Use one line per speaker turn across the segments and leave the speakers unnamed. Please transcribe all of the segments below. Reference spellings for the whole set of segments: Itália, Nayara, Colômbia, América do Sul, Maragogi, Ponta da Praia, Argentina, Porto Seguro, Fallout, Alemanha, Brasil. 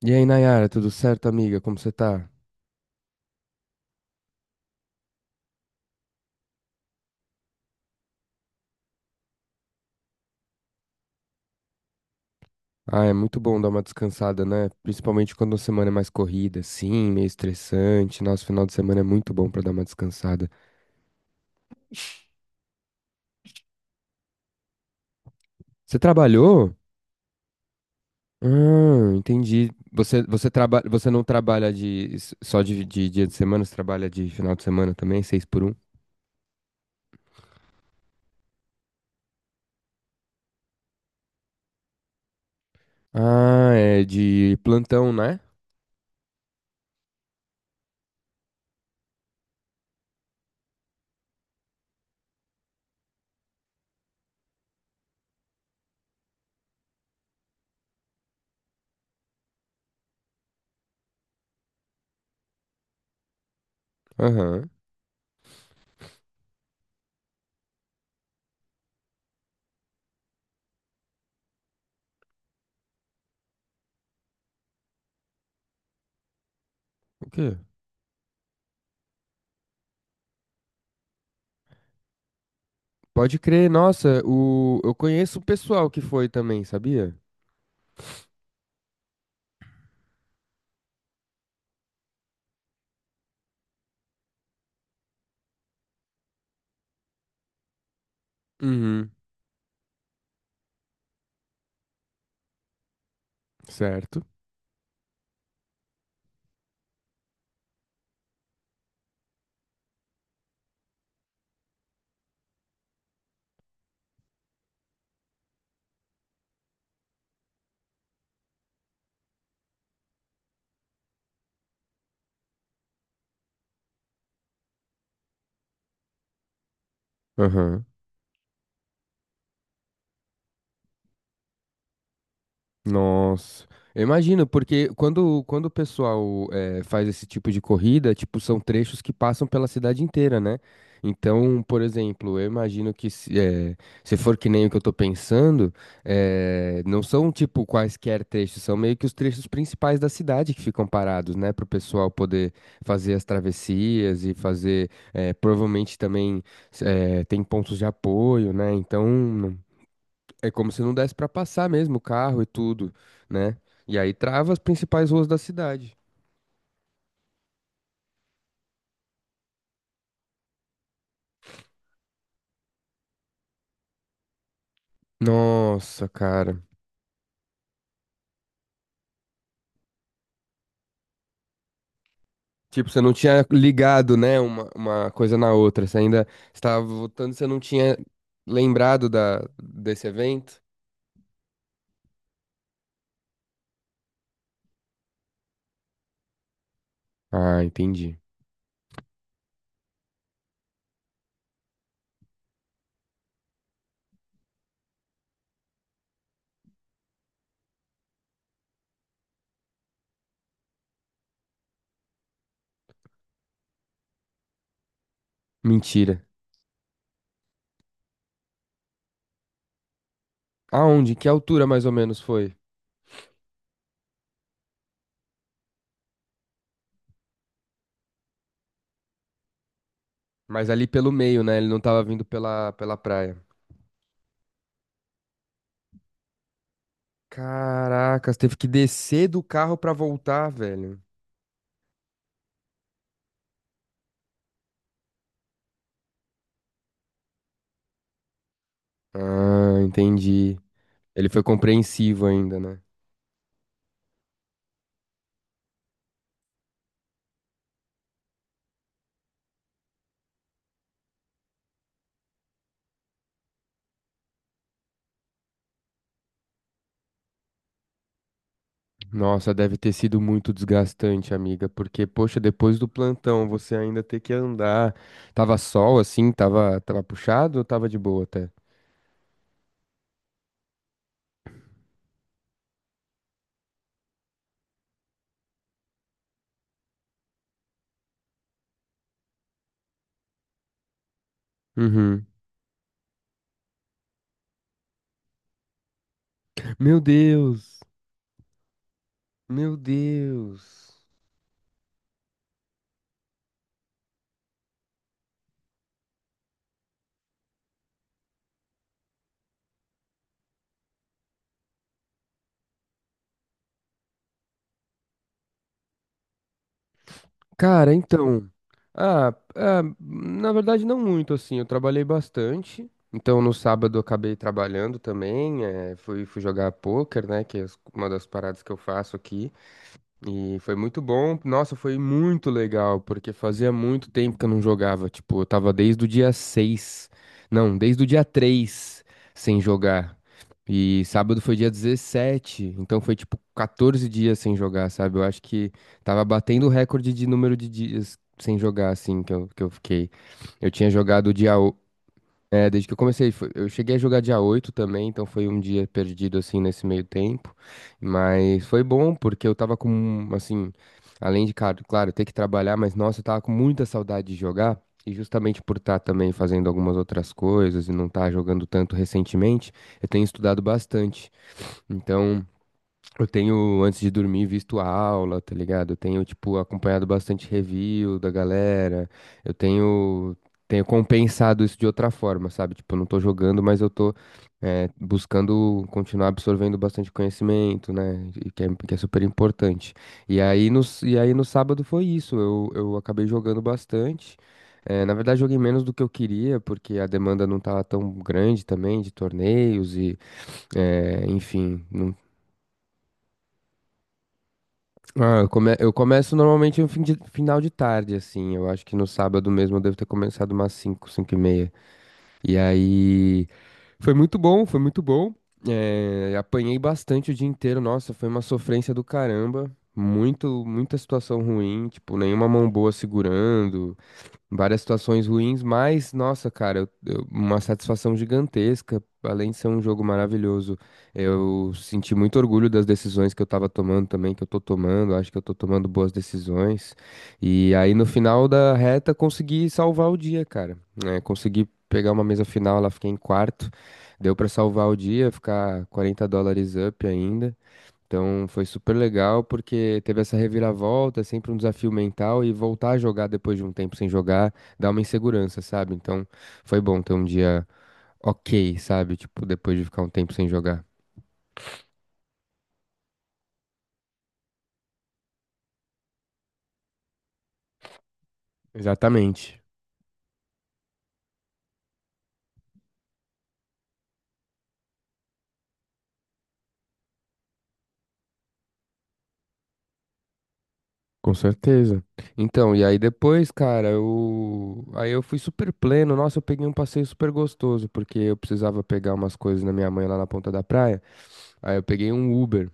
E aí, Nayara, tudo certo, amiga? Como você tá? Ah, é muito bom dar uma descansada, né? Principalmente quando a semana é mais corrida, sim, meio estressante. Nosso final de semana é muito bom pra dar uma descansada. Você trabalhou? Ah, entendi. Você você não trabalha só de dia de semana, você trabalha de final de semana também, 6 por 1? Ah, é de plantão, né? Aham. O quê? Pode crer, nossa, eu conheço o pessoal que foi também, sabia? Uhum, certo. Aham. Nossa, eu imagino, porque quando o pessoal faz esse tipo de corrida, tipo, são trechos que passam pela cidade inteira, né? Então, por exemplo, eu imagino que se for que nem o que eu tô pensando, não são tipo quaisquer trechos, são meio que os trechos principais da cidade que ficam parados, né? Para o pessoal poder fazer as travessias e fazer, provavelmente também tem pontos de apoio, né? Então, é como se não desse pra passar mesmo o carro e tudo, né? E aí trava as principais ruas da cidade. Nossa, cara. Tipo, você não tinha ligado, né, uma coisa na outra. Você ainda estava votando, você não tinha lembrado desse evento? Ah, entendi. Mentira. Aonde? Que altura mais ou menos foi? Mas ali pelo meio, né? Ele não tava vindo pela, pela praia. Caracas, teve que descer do carro pra voltar, velho. Ah, entendi. Ele foi compreensivo ainda, né? Nossa, deve ter sido muito desgastante, amiga, porque, poxa, depois do plantão você ainda ter que andar. Tava sol assim, tava puxado ou tava de boa até? Uhum. Meu Deus! Meu Deus! Cara, então. Ah, ah, na verdade, não muito assim. Eu trabalhei bastante. Então, no sábado, eu acabei trabalhando também. Fui jogar pôquer, né? Que é uma das paradas que eu faço aqui. E foi muito bom. Nossa, foi muito legal, porque fazia muito tempo que eu não jogava. Tipo, eu tava desde o dia 6. Não, desde o dia 3 sem jogar. E sábado foi dia 17, então foi tipo 14 dias sem jogar, sabe? Eu acho que tava batendo o recorde de número de dias sem jogar, assim, que eu fiquei. Eu tinha jogado desde que eu comecei, eu cheguei a jogar dia 8 também, então foi um dia perdido assim nesse meio tempo, mas foi bom porque eu tava com, assim, além de, claro, ter que trabalhar, mas nossa, eu tava com muita saudade de jogar e justamente por estar também fazendo algumas outras coisas e não estar jogando tanto recentemente, eu tenho estudado bastante. Então, eu tenho, antes de dormir, visto a aula, tá ligado? Eu tenho, tipo, acompanhado bastante review da galera. Eu tenho compensado isso de outra forma, sabe? Tipo, eu não tô jogando, mas eu tô, buscando continuar absorvendo bastante conhecimento, né? E que é super importante. E aí, no sábado foi isso. Eu acabei jogando bastante. Na verdade, joguei menos do que eu queria, porque a demanda não tava tão grande também de torneios e. É, enfim, não. Ah, eu começo normalmente no final de tarde, assim. Eu acho que no sábado mesmo eu devo ter começado umas 5h30. E aí foi muito bom, foi muito bom. Apanhei bastante o dia inteiro. Nossa, foi uma sofrência do caramba. Muito, muita situação ruim, tipo, nenhuma mão boa segurando várias situações ruins, mas, nossa, cara, uma satisfação gigantesca. Além de ser um jogo maravilhoso, eu senti muito orgulho das decisões que eu tava tomando também, que eu tô tomando. Acho que eu tô tomando boas decisões. E aí, no final da reta, consegui salvar o dia, cara, né? Consegui pegar uma mesa final, lá fiquei em quarto. Deu pra salvar o dia, ficar US$ 40 up ainda. Então foi super legal porque teve essa reviravolta, é sempre um desafio mental, e voltar a jogar depois de um tempo sem jogar dá uma insegurança, sabe? Então foi bom ter um dia ok, sabe? Tipo, depois de ficar um tempo sem jogar. Exatamente. Com certeza. Então, e aí depois, cara, aí eu fui super pleno. Nossa, eu peguei um passeio super gostoso, porque eu precisava pegar umas coisas na minha mãe lá na ponta da praia. Aí eu peguei um Uber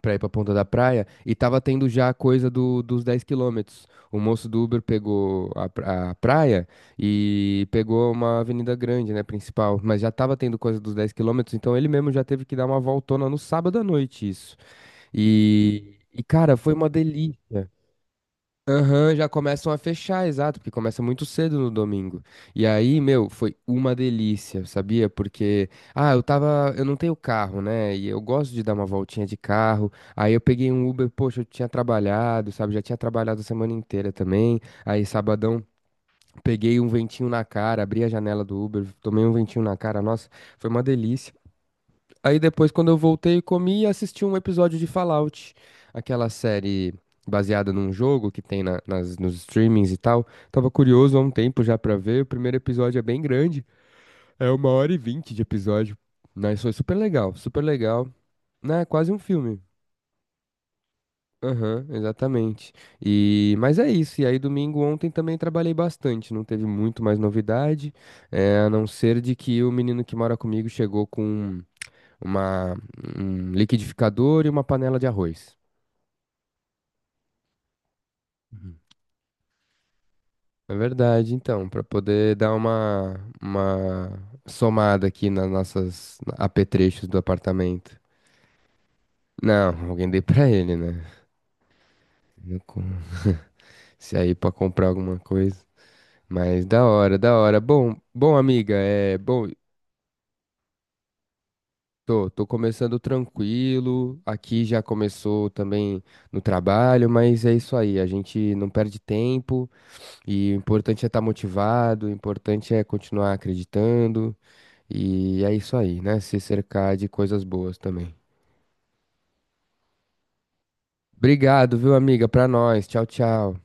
pra ir pra Ponta da Praia, e tava tendo já a coisa dos 10 km. O moço do Uber pegou a praia e pegou uma avenida grande, né, principal, mas já tava tendo coisa dos 10 km, então ele mesmo já teve que dar uma voltona no sábado à noite, isso. E, cara, foi uma delícia. Ah, já começam a fechar, exato, porque começa muito cedo no domingo. E aí, meu, foi uma delícia, sabia? Porque, ah, eu não tenho carro, né? E eu gosto de dar uma voltinha de carro. Aí eu peguei um Uber, poxa, eu tinha trabalhado, sabe? Já tinha trabalhado a semana inteira também. Aí sabadão peguei um ventinho na cara, abri a janela do Uber, tomei um ventinho na cara. Nossa, foi uma delícia. Aí depois, quando eu voltei, comi e assisti um episódio de Fallout, aquela série baseada num jogo que tem nos streamings e tal. Tava curioso há um tempo já pra ver. O primeiro episódio é bem grande, é 1h20 de episódio. Mas foi super legal, super legal. Né, quase um filme. Aham, exatamente. E mas é isso. E aí domingo ontem também trabalhei bastante, não teve muito mais novidade, a não ser de que o menino que mora comigo chegou com uma, um liquidificador e uma panela de arroz. Uhum. É verdade, então, para poder dar uma somada aqui nas nossas apetrechos do apartamento. Não, alguém dei pra ele, né? Eu com- Se aí pra comprar alguma coisa. Mas da hora, da hora. Bom, bom, amiga, é bom. Tô começando tranquilo. Aqui já começou também no trabalho, mas é isso aí. A gente não perde tempo. E o importante é estar motivado, o importante é continuar acreditando. E é isso aí, né? Se cercar de coisas boas também. Obrigado, viu, amiga? Pra nós. Tchau, tchau.